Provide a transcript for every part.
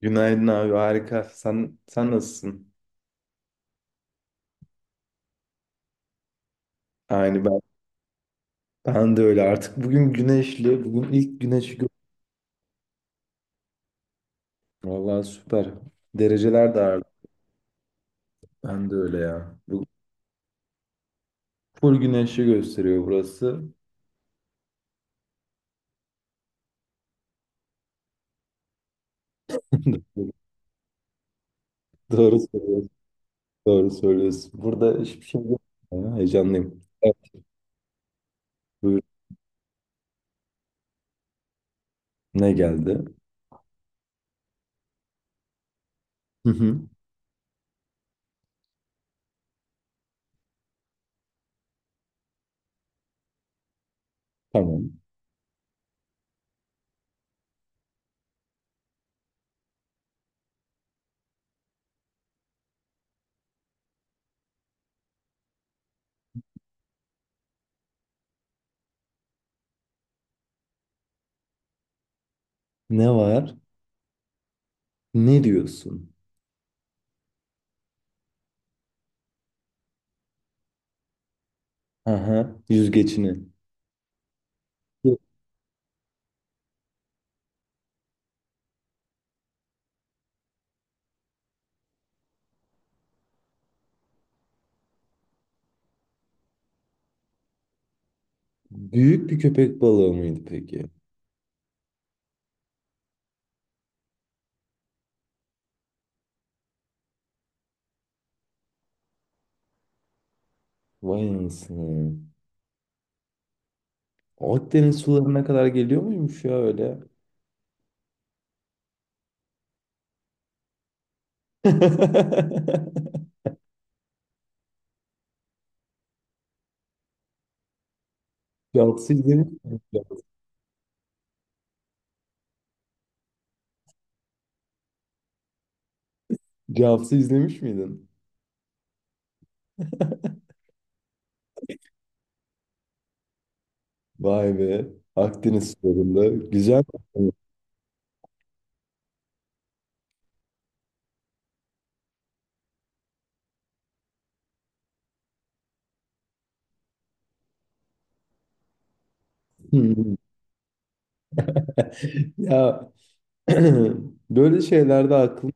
Günaydın abi, harika. Sen nasılsın? Aynı ben. Ben de öyle artık. Bugün güneşli. Bugün ilk güneşi gördüm. Vallahi süper. Dereceler de arttı. Ben de öyle ya. Bu full güneşi gösteriyor burası. Doğru söylüyorsun. Doğru söylüyorsun. Burada hiçbir şey yok. Ya, heyecanlıyım. Evet, buyur. Ne geldi? Hı hı. Tamam. Ne var? Ne diyorsun? Aha, yüzgeçini. Büyük bir köpek balığı mıydı peki? Vay anasını. Akdeniz sularına kadar geliyor muymuş ya öyle? Cavs'ı izlemiş miydin? Cavs'ı izlemiş miydin? Vay be. Akdeniz sularında. Güzel. Ya, böyle şeylerde aklım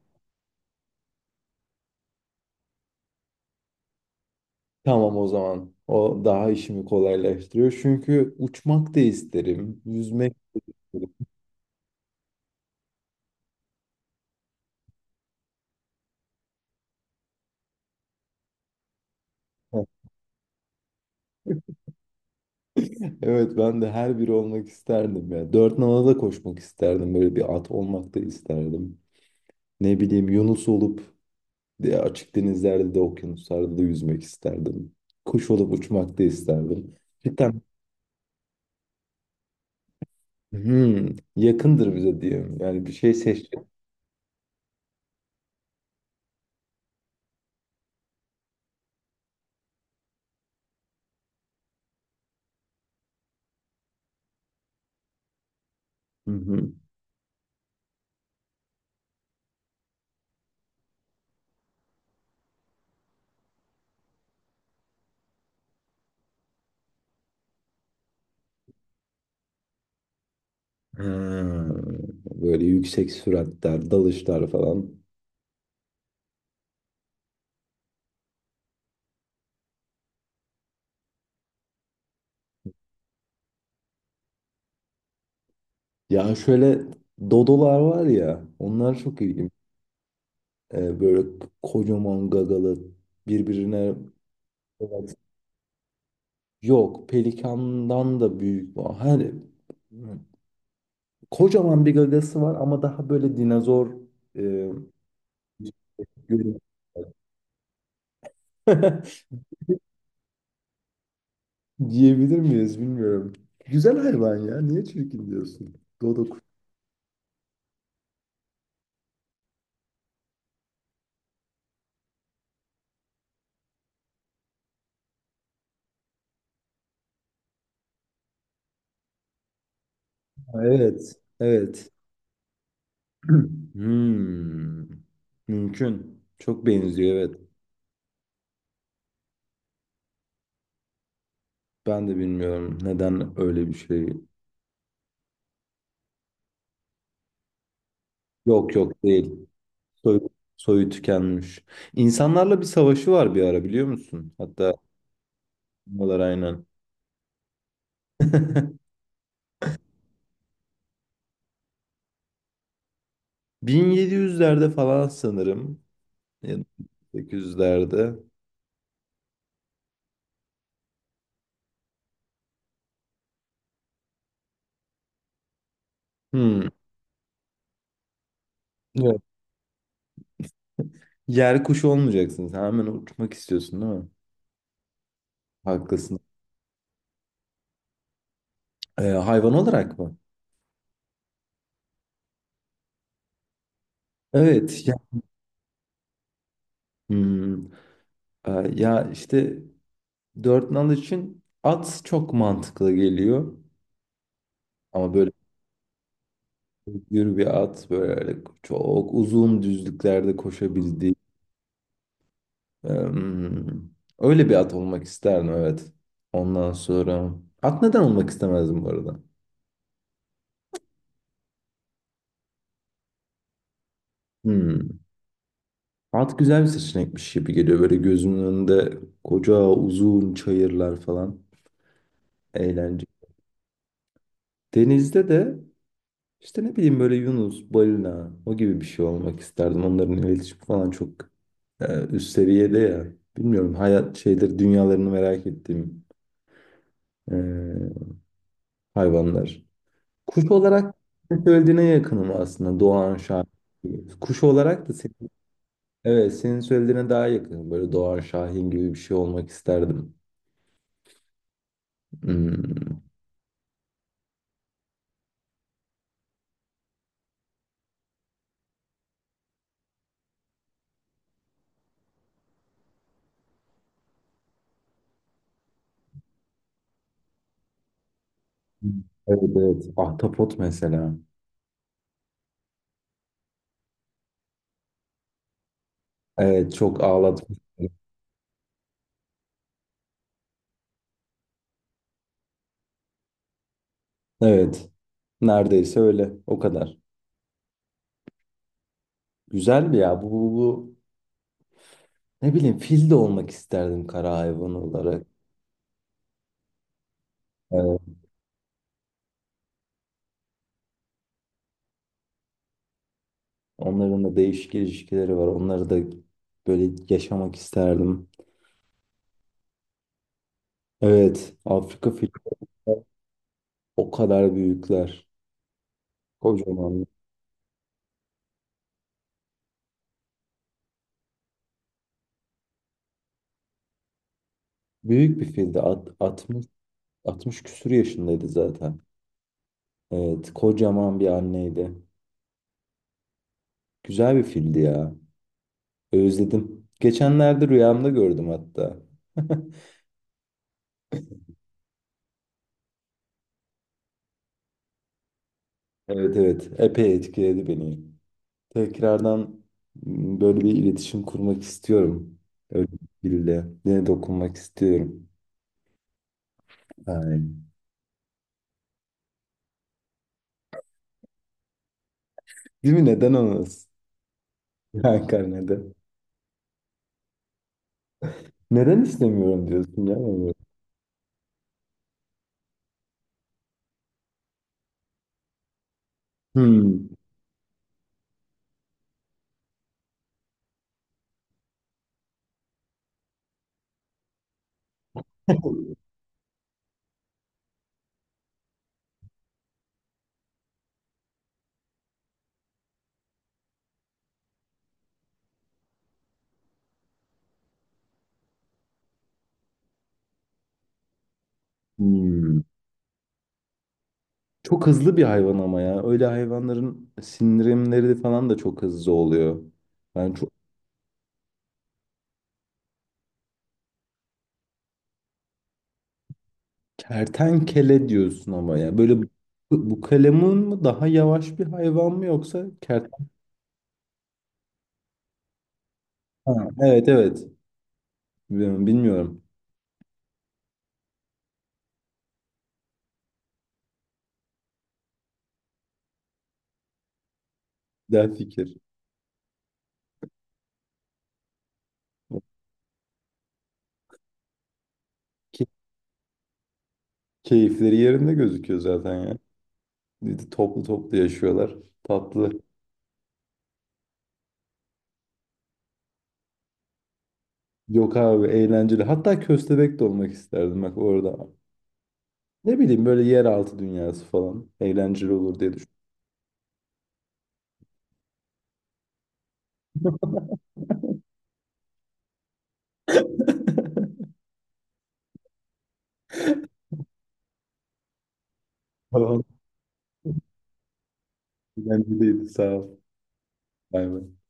tamam o zaman. O daha işimi kolaylaştırıyor. Çünkü uçmak da isterim. Yüzmek isterim. Evet, ben de her biri olmak isterdim ya. Dört nala da koşmak isterdim. Böyle bir at olmak da isterdim. Ne bileyim, Yunus olup diye açık denizlerde de okyanuslarda da yüzmek isterdim. Kuş olup uçmak da isterdim. Cidden hmm, yakındır bize diyeyim. Yani bir şey seçtim. Hı hı. Ha, böyle yüksek süratler, dalışlar falan. Ya şöyle, dodolar var ya, onlar çok ilginç. Böyle kocaman gagalı, birbirine evet, yok pelikandan da büyük. Hani kocaman bir gagası var ama daha böyle dinozor. e, Görün- Diyebilir miyiz bilmiyorum. Güzel hayvan ya. Niye çirkin diyorsun? Dodok. Ha, evet. Evet. Hmm. Mümkün. Çok benziyor, evet. Ben de bilmiyorum neden öyle bir şey. Yok yok, değil. Soy, soyu tükenmiş. İnsanlarla bir savaşı var bir ara, biliyor musun? Hatta bunlar, aynen. 1700'lerde falan sanırım. Ya da 1800'lerde. Hmm. Yok. Yer kuşu olmayacaksın. Sen hemen uçmak istiyorsun, değil mi? Haklısın. Hayvan olarak mı? Evet. Ya, hmm, ya işte dört nal için at çok mantıklı geliyor. Ama böyle yürü, bir at böyle çok uzun düzlüklerde koşabildiği. Ee, hmm, Öyle bir at olmak isterdim, evet. Ondan sonra, at neden olmak istemezdim bu arada? Hmm. At güzel bir seçenekmiş gibi geliyor. Böyle gözümün önünde koca uzun çayırlar falan. Eğlence. Denizde de işte, ne bileyim, böyle Yunus, balina o gibi bir şey olmak isterdim. Onların iletişim falan çok üst seviyede ya. Bilmiyorum, hayat şeyleri dünyalarını merak ettiğim e, hayvanlar. Kuş olarak söylediğine yakınım aslında, Doğan Şahin gibi. Kuş olarak da senin, evet, senin söylediğine daha yakınım. Böyle Doğan Şahin gibi bir şey olmak isterdim. Hmm. Evet evet. Ahtapot mesela. Evet, çok ağlatmış. Evet. Neredeyse öyle. O kadar. Güzel bir ya. Ne bileyim, fil de olmak isterdim kara hayvanı olarak. Evet. Onların da değişik ilişkileri var. Onları da böyle yaşamak isterdim. Evet. Afrika fili o kadar büyükler. Kocaman. Büyük bir fildi. At- 60, 60 küsur yaşındaydı zaten. Evet. Kocaman bir anneydi. Güzel bir fildi ya. Özledim. Geçenlerde rüyamda gördüm hatta. Evet evet. Epey etkiledi beni. Tekrardan, böyle bir iletişim kurmak istiyorum. Öyle biriyle. Yine dokunmak istiyorum. Yani. Değil mi? Neden olmaz? Hakan neden? Neden istemiyorum diyorsun ya? Hmm. Hmm. Çok hızlı bir hayvan ama ya. Öyle hayvanların sindirimleri de falan da çok hızlı oluyor. Yani çok, kertenkele diyorsun ama ya. Böyle bu kalemun mu daha yavaş bir hayvan mı yoksa kertenkele? Evet evet. Bilmiyorum, bilmiyorum. Güzel fikir. Ki- Keyifleri yerinde gözüküyor zaten ya. Bir de toplu toplu yaşıyorlar. Tatlı. Yok abi, eğlenceli. Hatta köstebek de olmak isterdim bak orada. Ne bileyim, böyle yeraltı dünyası falan. Eğlenceli olur diye düşünüyorum. Tamam. Eğlenceliydi, sağ ol. Bay bay.